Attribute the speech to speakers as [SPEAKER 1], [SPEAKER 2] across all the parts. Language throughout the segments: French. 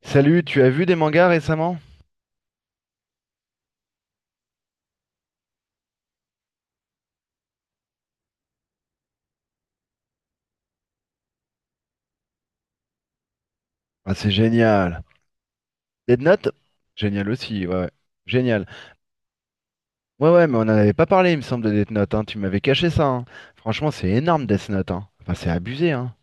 [SPEAKER 1] Salut, tu as vu des mangas récemment? Ah, c'est génial. Death Note? Génial aussi, ouais, ouais. Génial. Ouais, ouais, mais on n'en avait pas parlé, il me semble, de Death Note, hein. Tu m'avais caché ça, hein. Franchement, c'est énorme, Death Note, hein. Enfin, c'est abusé, hein.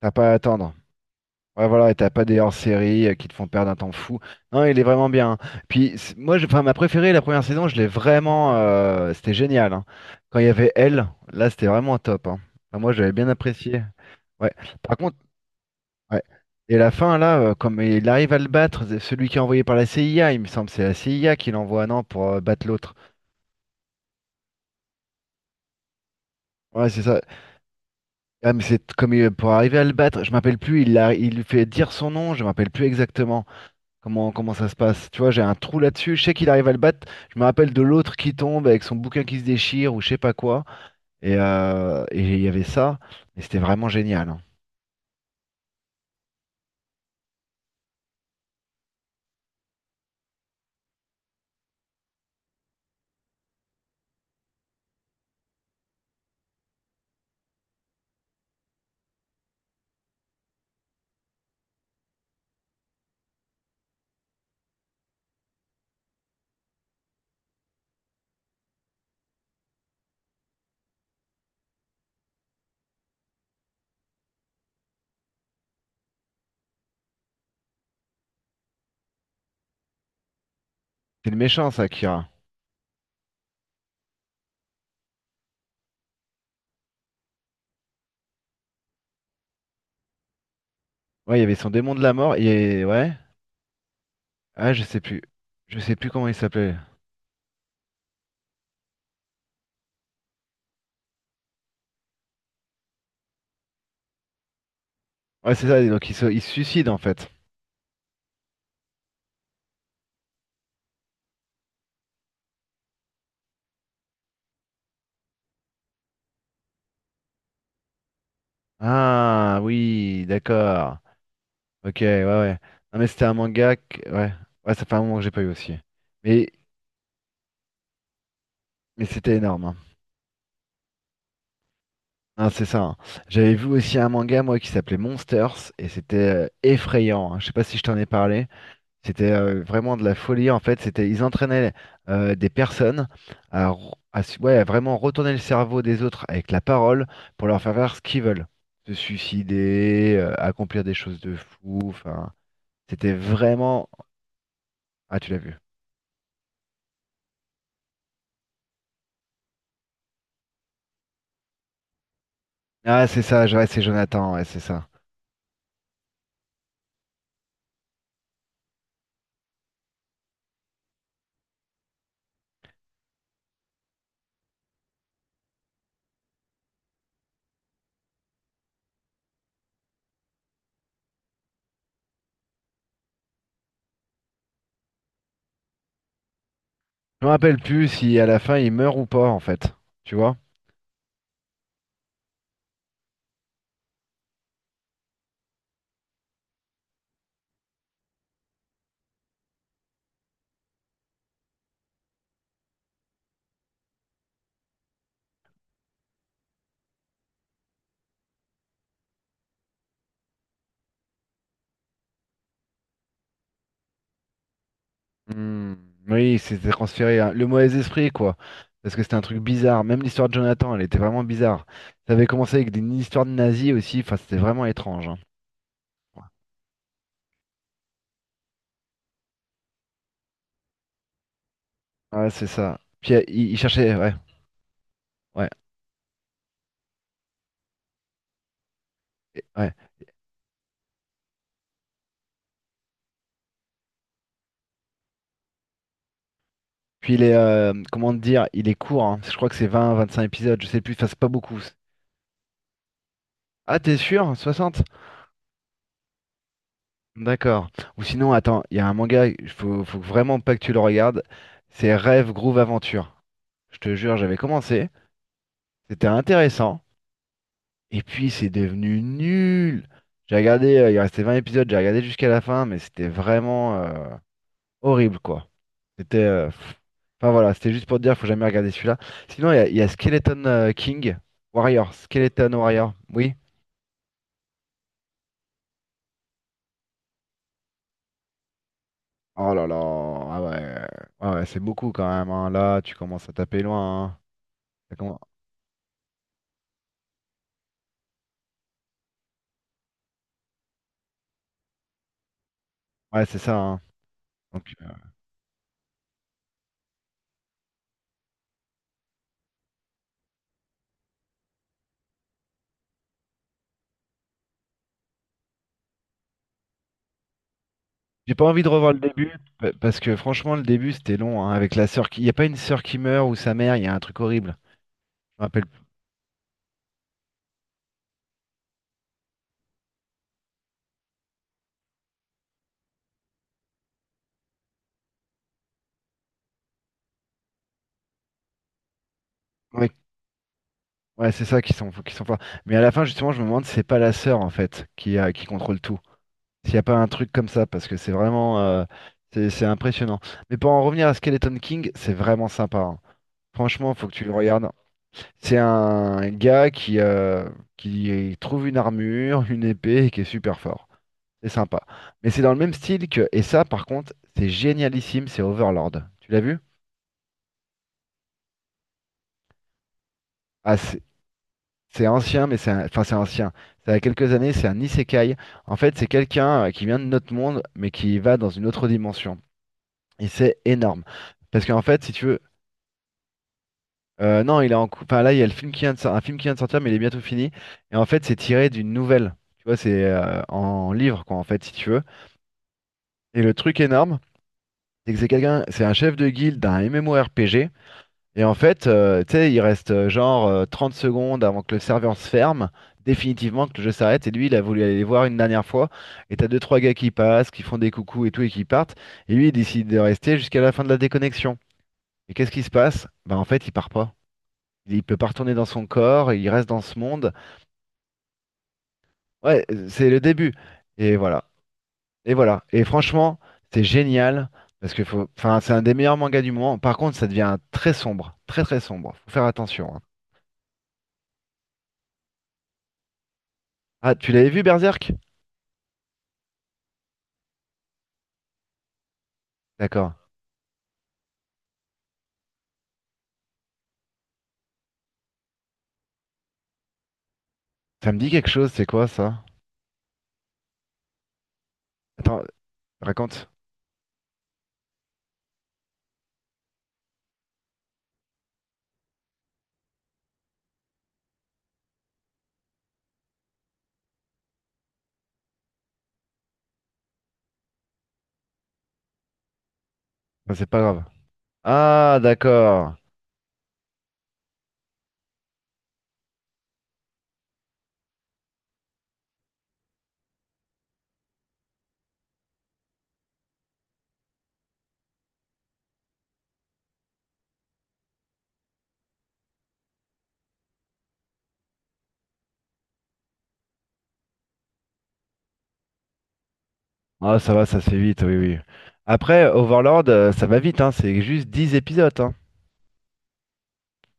[SPEAKER 1] T'as pas à attendre. Ouais, voilà, et t'as pas des hors-séries qui te font perdre un temps fou. Non, il est vraiment bien, hein. Puis, enfin, ma préférée, la première saison, je l'ai vraiment. C'était génial, hein. Quand il y avait elle, là, c'était vraiment top, hein. Enfin, moi, j'avais bien apprécié. Ouais. Par contre, ouais. Et la fin, là, comme il arrive à le battre, c'est celui qui est envoyé par la CIA, il me semble, c'est la CIA qui l'envoie, non, pour battre l'autre. Ouais, c'est ça. Ah, mais c'est comme pour arriver à le battre, je m'appelle plus, il lui fait dire son nom, je m'appelle plus exactement comment ça se passe. Tu vois, j'ai un trou là-dessus, je sais qu'il arrive à le battre, je me rappelle de l'autre qui tombe avec son bouquin qui se déchire ou je sais pas quoi. Et il y avait ça, et c'était vraiment génial, hein. C'est le méchant, ça, Kira. Ouais, il y avait son démon de la mort, et ouais, ah, je sais plus. Je sais plus comment il s'appelait. Ouais, c'est ça, donc il se suicide en fait. Ah oui, d'accord. Ok, ouais, ouais. Non, mais c'était un manga. Ouais, ouais, ça fait un moment que j'ai pas eu aussi. Mais, mais c'était énorme, hein. Ah, c'est ça, hein. J'avais vu aussi un manga, moi, qui s'appelait Monsters, et c'était effrayant, hein. Je sais pas si je t'en ai parlé. C'était vraiment de la folie en fait. C'était, ils entraînaient des personnes à, r- à s- ouais, à vraiment retourner le cerveau des autres avec la parole pour leur faire faire ce qu'ils veulent. Se suicider, accomplir des choses de fou. Enfin, c'était vraiment. Ah, tu l'as vu. Ah, c'est ça, ouais, c'est Jonathan, ouais, c'est ça. Je me rappelle plus si à la fin il meurt ou pas en fait. Tu vois? Hmm, oui, c'était transféré, hein. Le mauvais esprit, quoi. Parce que c'était un truc bizarre. Même l'histoire de Jonathan, elle était vraiment bizarre. Ça avait commencé avec des une histoire de nazis aussi. Enfin, c'était vraiment étrange, hein. Ouais, ouais, c'est ça. Puis il cherchait, ouais, ouais, ouais. Puis il est, comment te dire, il est court, hein. Je crois que c'est 20, 25 épisodes. Je sais plus. Enfin, c'est pas beaucoup. Ah, t'es sûr? 60. D'accord. Ou sinon, attends, il y a un manga. Il faut vraiment pas que tu le regardes. C'est Rêve Groove Aventure. Je te jure, j'avais commencé. C'était intéressant. Et puis c'est devenu nul. J'ai regardé, il restait 20 épisodes, j'ai regardé jusqu'à la fin, mais c'était vraiment horrible quoi. C'était, pff. Enfin voilà, c'était juste pour te dire, faut jamais regarder celui-là. Sinon, il y a Skeleton King Warrior, Skeleton Warrior, oui. Oh là là, ah ouais, ah ouais, c'est beaucoup quand même, hein. Là, tu commences à taper loin, hein. Ça commence- Ouais, c'est ça, hein. Donc, j'ai pas envie de revoir le début parce que franchement, le début c'était long, hein, avec il y a pas une sœur qui meurt ou sa mère, il y a un truc horrible. Je me rappelle. Ouais, c'est ça qui sont, forts. Mais à la fin, justement, je me demande si c'est pas la sœur, en fait, qui contrôle tout. S'il n'y a pas un truc comme ça, parce que c'est vraiment, c'est impressionnant. Mais pour en revenir à Skeleton King, c'est vraiment sympa, hein. Franchement, faut que tu le regardes. C'est un gars qui trouve une armure, une épée, et qui est super fort. C'est sympa. Mais c'est dans le même style que. Et ça, par contre, c'est génialissime, c'est Overlord. Tu l'as vu? Ah, C'est ancien, mais enfin c'est ancien. Ça a quelques années, c'est un isekai. En fait, c'est quelqu'un qui vient de notre monde, mais qui va dans une autre dimension. Et c'est énorme. Parce qu'en fait, si tu veux, non, il est enfin là, il y a le film qui vient de sor- un film qui vient de sortir, mais il est bientôt fini. Et en fait, c'est tiré d'une nouvelle. Tu vois, c'est en livre, quoi, en fait, si tu veux. Et le truc énorme, c'est que c'est quelqu'un, c'est un chef de guilde d'un MMORPG. Et en fait, tu sais, il reste genre 30 secondes avant que le serveur se ferme, définitivement que le jeu s'arrête. Et lui, il a voulu aller les voir une dernière fois. Et t'as deux, trois gars qui passent, qui font des coucous et tout, et qui partent. Et lui, il décide de rester jusqu'à la fin de la déconnexion. Et qu'est-ce qui se passe? Bah en fait, il part pas. Il peut pas retourner dans son corps, il reste dans ce monde. Ouais, c'est le début. Et voilà. Et voilà. Et franchement, c'est génial. Parce que faut, enfin, c'est un des meilleurs mangas du moment. Par contre, ça devient très sombre. Très très sombre. Faut faire attention, hein. Ah, tu l'avais vu, Berserk? D'accord. Ça me dit quelque chose, c'est quoi ça? Attends, raconte. Enfin, c'est pas grave. Ah, d'accord. Ah, ça va, ça se fait vite, oui, oui. Après, Overlord, ça va vite, hein. C'est juste 10 épisodes, hein.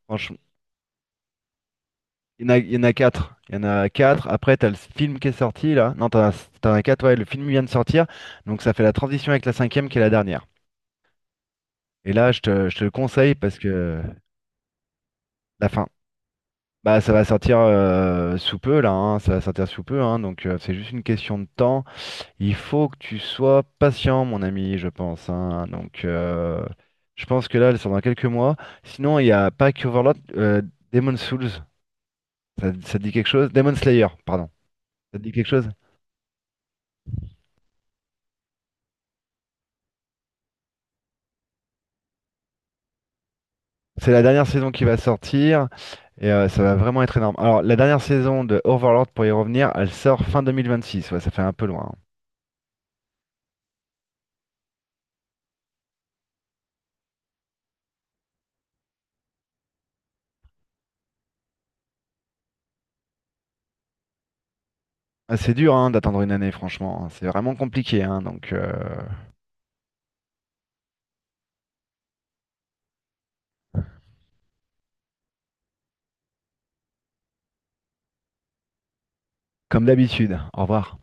[SPEAKER 1] Franchement, il y en a 4. Il y en a quatre. Après, t'as le film qui est sorti, là. Non, t'en as 4, ouais. Le film vient de sortir. Donc, ça fait la transition avec la cinquième qui est la dernière. Et là, je te le conseille parce que la fin. Bah, ça va sortir sous peu, là, hein. Ça va sortir sous peu, hein. Donc, c'est juste une question de temps. Il faut que tu sois patient, mon ami, je pense, hein. Donc, je pense que là, elle sort dans quelques mois. Sinon, il y a pas que Overlord, Demon Souls. Ça te dit quelque chose? Demon Slayer, pardon. Ça te dit quelque chose? C'est la dernière saison qui va sortir et ça va vraiment être énorme. Alors, la dernière saison de Overlord, pour y revenir, elle sort fin 2026. Ouais, ça fait un peu loin, hein. Ah, c'est dur hein, d'attendre une année, franchement, hein. C'est vraiment compliqué, hein. Donc, comme d'habitude. Au revoir.